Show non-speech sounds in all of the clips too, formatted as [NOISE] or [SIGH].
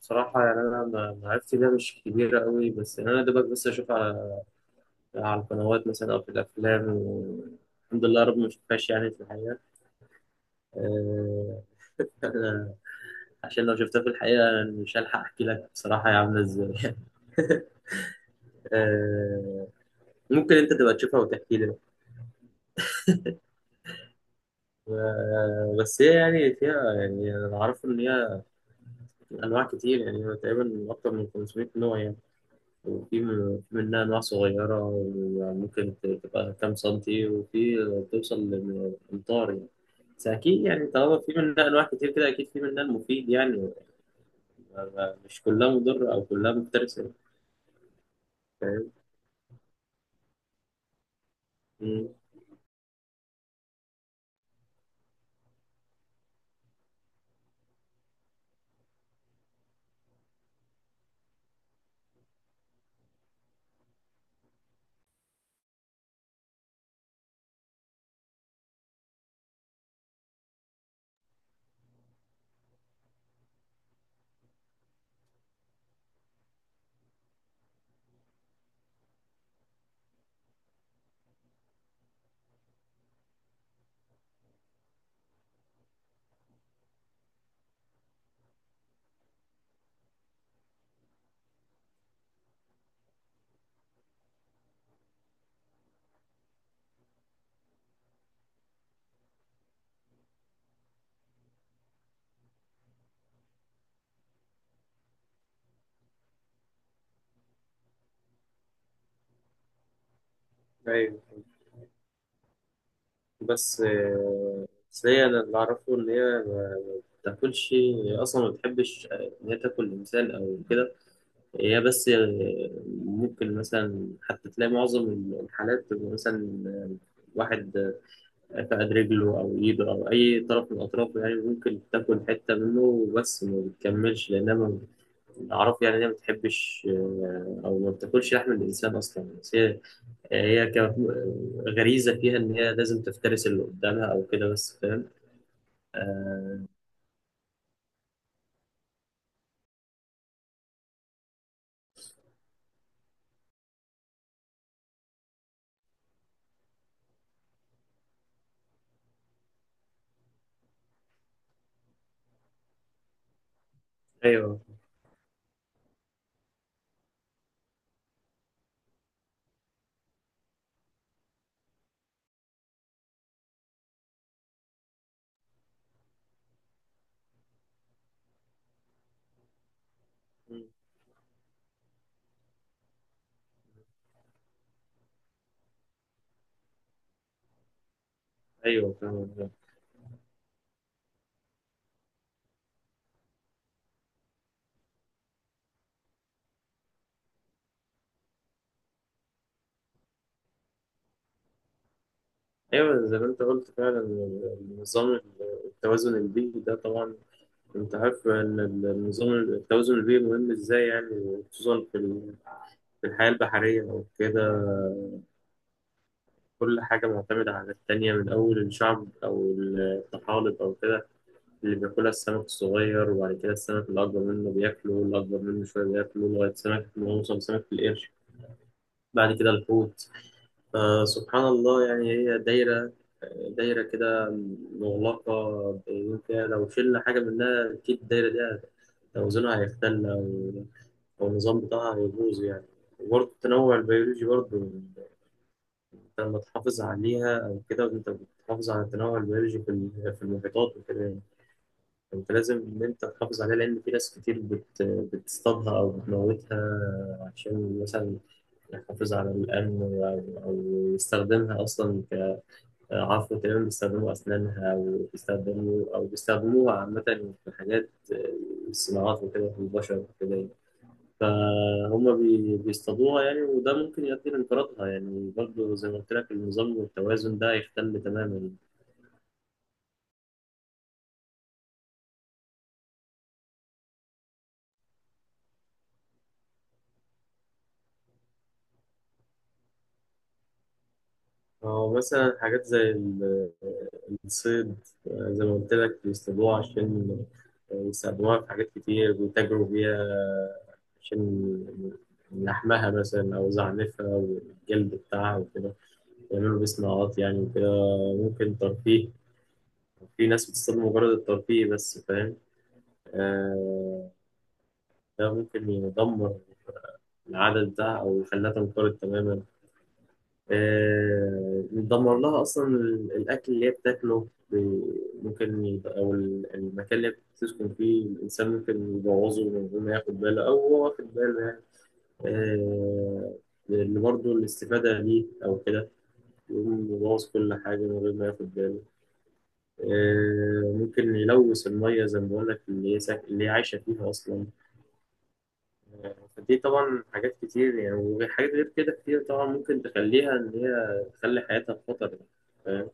بصراحة يعني أنا معرفتي بيها مش كبيرة قوي، بس يعني أنا دوبك بس أشوف على على القنوات مثلا أو في الأفلام الحمد لله رب ما شفتهاش يعني في الحقيقة. أه... [LAUGHS] عشان لو شفتها في الحقيقة يعني مش هلحق أحكي لك بصراحة هي عاملة إزاي. [LAUGHS] أه... ممكن أنت تبقى تشوفها وتحكي لي. بس هي يعني فيها، يعني أنا أعرف إن هي أنواع كتير، يعني هو تقريبا أكتر من 500 نوع يعني. وفي في منها أنواع صغيرة، يعني ممكن تبقى كام سنتي، وفي توصل لأمتار يعني. بس أكيد يعني طالما في منها أنواع كتير كده، أكيد في منها المفيد يعني، مش كلها مضرة أو كلها مفترسة. فاهم؟ مم. أيوه، بس آه، بس هي، أنا اللي أعرفه إن هي ما بتاكلش، هي أصلا ما بتحبش آه، إن هي تاكل إنسان أو كده. هي بس آه، ممكن مثلا حتى تلاقي معظم الحالات بتبقى مثلا آه، واحد فقد رجله أو إيده أو أي طرف من أطرافه، يعني ممكن تاكل حتة منه بس ما بتكملش، لأنها أعرف يعني إن هي ما بتحبش آه، أو ما بتاكلش لحم الإنسان أصلا، بس هي هي ك- غريزة فيها إن هي لازم تفترس اللي قدامها أو كده، بس فاهم؟ آه، أيوه. مم. أيوه فاهم. أيوه زي ما أنت قلت فعلا، النظام التوازن البيئي ده طبعا. أنت عارف إن النظام التوازن البيئي مهم إزاي، يعني خصوصا في الحياة البحرية أو كده. كل حاجة معتمدة على التانية، من أول الشعب أو الطحالب أو كده اللي بياكلها السمك الصغير، وبعد كده السمك الأكبر منه بياكله، والأكبر منه شوية بياكله، لغاية سمك ما يوصل سمك القرش، بعد كده الحوت. فسبحان الله يعني هي دايرة، كده مغلقة، بيقولوا فيها لو شلنا حاجة منها أكيد الدايرة دي توازنها هيختل، أو أو النظام بتاعها هيبوظ يعني. وبرضه التنوع البيولوجي برضه، لما تحافظ عليها أو كده، وأنت بتحافظ على التنوع البيولوجي في المحيطات وكده يعني. أنت لازم إن أنت تحافظ عليها، لأن في ناس كتير بتصطادها أو بتموتها، عشان مثلا يحافظ على الأمن أو أو يستخدمها أصلا كعفو، تقريبا بيستخدموا أسنانها أو بيستخدموا أو بيستخدموها عامة في حاجات الصناعات وكده في البشر وكده يعني. فهم بيصطادوها يعني، وده ممكن يؤدي لانقراضها، يعني برضه زي ما قلت لك النظام والتوازن ده هيختل تماما يعني. أو مثلا حاجات زي الصيد، آه، زي ما قلت لك بيصطادوها عشان يستخدموها في حاجات كتير، بيتاجروا بيها عشان لحمها مثلا، أو زعنفها والجلد بتاعها وكده، يعملوا بيه صناعات يعني وكده. ممكن ترفيه، في ناس بتصطاد مجرد الترفيه بس، فاهم؟ آه، ده ممكن يدمر العدد ده او خلاها تنقرض تماما. آه، دمر لها اصلا الاكل اللي هي بتاكله ممكن المكان اللي هي بتسكن فيه، الانسان ممكن يبوظه من غير ما ياخد باله، او هو واخد باله يعني. آه، اللي برضه الاستفادة ليه أو كده، يقوم يبوظ كل حاجة من غير ما ياخد باله. آه، ممكن يلوث المية زي ما بقول لك، اللي هي اللي هي عايشة فيها أصلا. فدي طبعا حاجات كتير يعني، وحاجات غير كده كتير طبعا، ممكن تخليها إن هي تخلي حياتها في خطر يعني. فاهم؟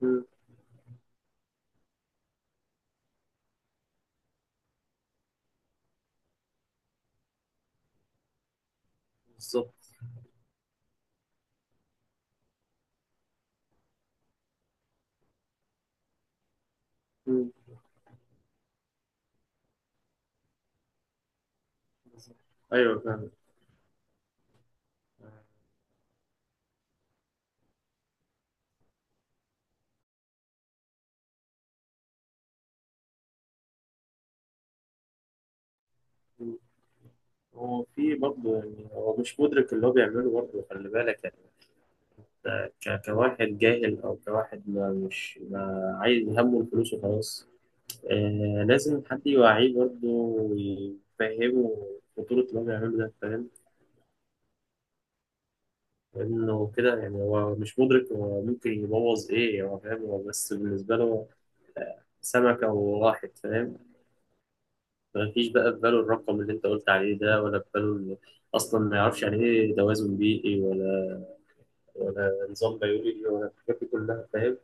مم، بالظبط. مم، أيوه فاهم. مم. هو في برضه يعني، هو مش مدرك اللي هو بيعمله برضه، خلي بالك يعني. كواحد جاهل، أو كواحد ما عايز همه الفلوس وخلاص. آه، لازم حد يوعيه برضه ويفهمه خطورة اللي هو بيعمله ده، فاهم؟ لأنه كده يعني هو مش مدرك، هو ممكن يبوظ إيه، هو فاهم هو بس بالنسبة له سمكة وواحد، فاهم؟ مفيش بقى في باله الرقم اللي انت قلت عليه ده، ولا في باله اصلا ما يعرفش يعني ايه توازن بيئي، ولا ولا نظام بيولوجي، ولا الحاجات دي كلها، فاهم؟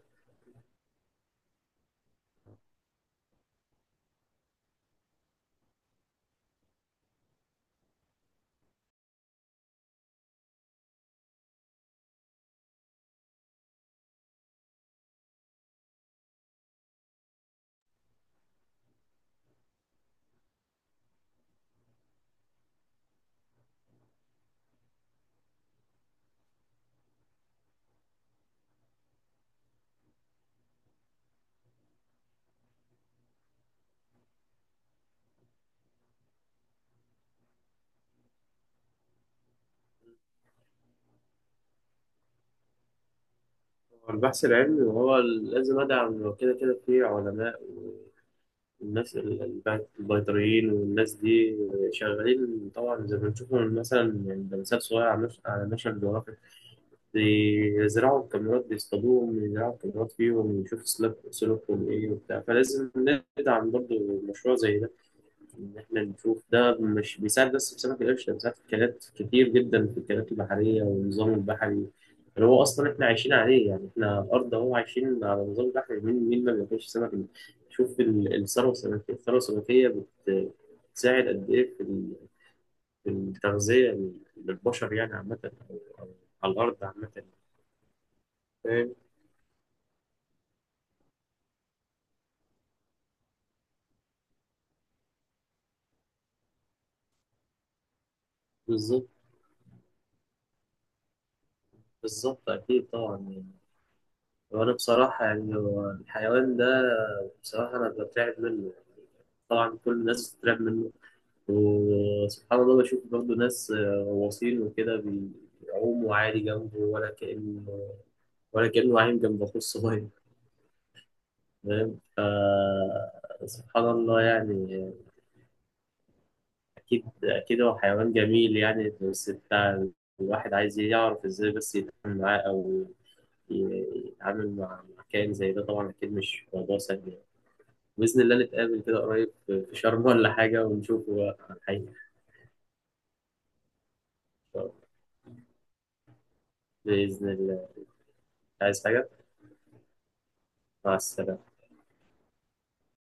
هو البحث العلمي، وهو لازم ادعم، كده في علماء والناس البيطريين والناس دي شغالين طبعا، زي ما بنشوفهم مثلا من لمسات صغيرة على على نشر، بيزرعوا الكاميرات، بيصطادوهم يزرعوا الكاميرات فيهم ويشوفوا سلوك سلوكهم إيه وبتاع. فلازم ندعم برضه مشروع زي ده، إن إحنا نشوف ده مش بيساعد بس في سمك القرش، ده بيساعد في أكلات كتير جدا، في الأكلات البحرية والنظام البحري اللي هو أصلا إحنا عايشين عليه يعني. إحنا أرض أهو عايشين على نظام بحري، مين ما بياكلش سمك؟ شوف الثروة السمكية، الثروة السمكية بتساعد قد إيه في التغذية للبشر يعني عامة، على الأرض عامة، فاهم؟ بالظبط، بالظبط أكيد طبعا يعني. وأنا بصراحة يعني، هو الحيوان ده بصراحة أنا بترعب منه، طبعا كل الناس بتترعب منه. وسبحان الله بشوف برضه ناس آه، غواصين وكده، بيعوموا عادي جنبه ولا كأن، ولا كأنه عايم جنب أخوه الصغير. فاهم؟ سبحان الله يعني. أكيد هو حيوان جميل يعني، بس بتاع الواحد عايز يعرف إزاي بس يتعامل معاه، أو ي- يتعامل مع مع كائن زي ده، طبعا أكيد مش موضوع سهل يعني. بإذن الله نتقابل كده قريب في شرم ولا حاجة، ونشوف بقى الحقيقة. بإذن الله. عايز حاجة؟ مع السلامة.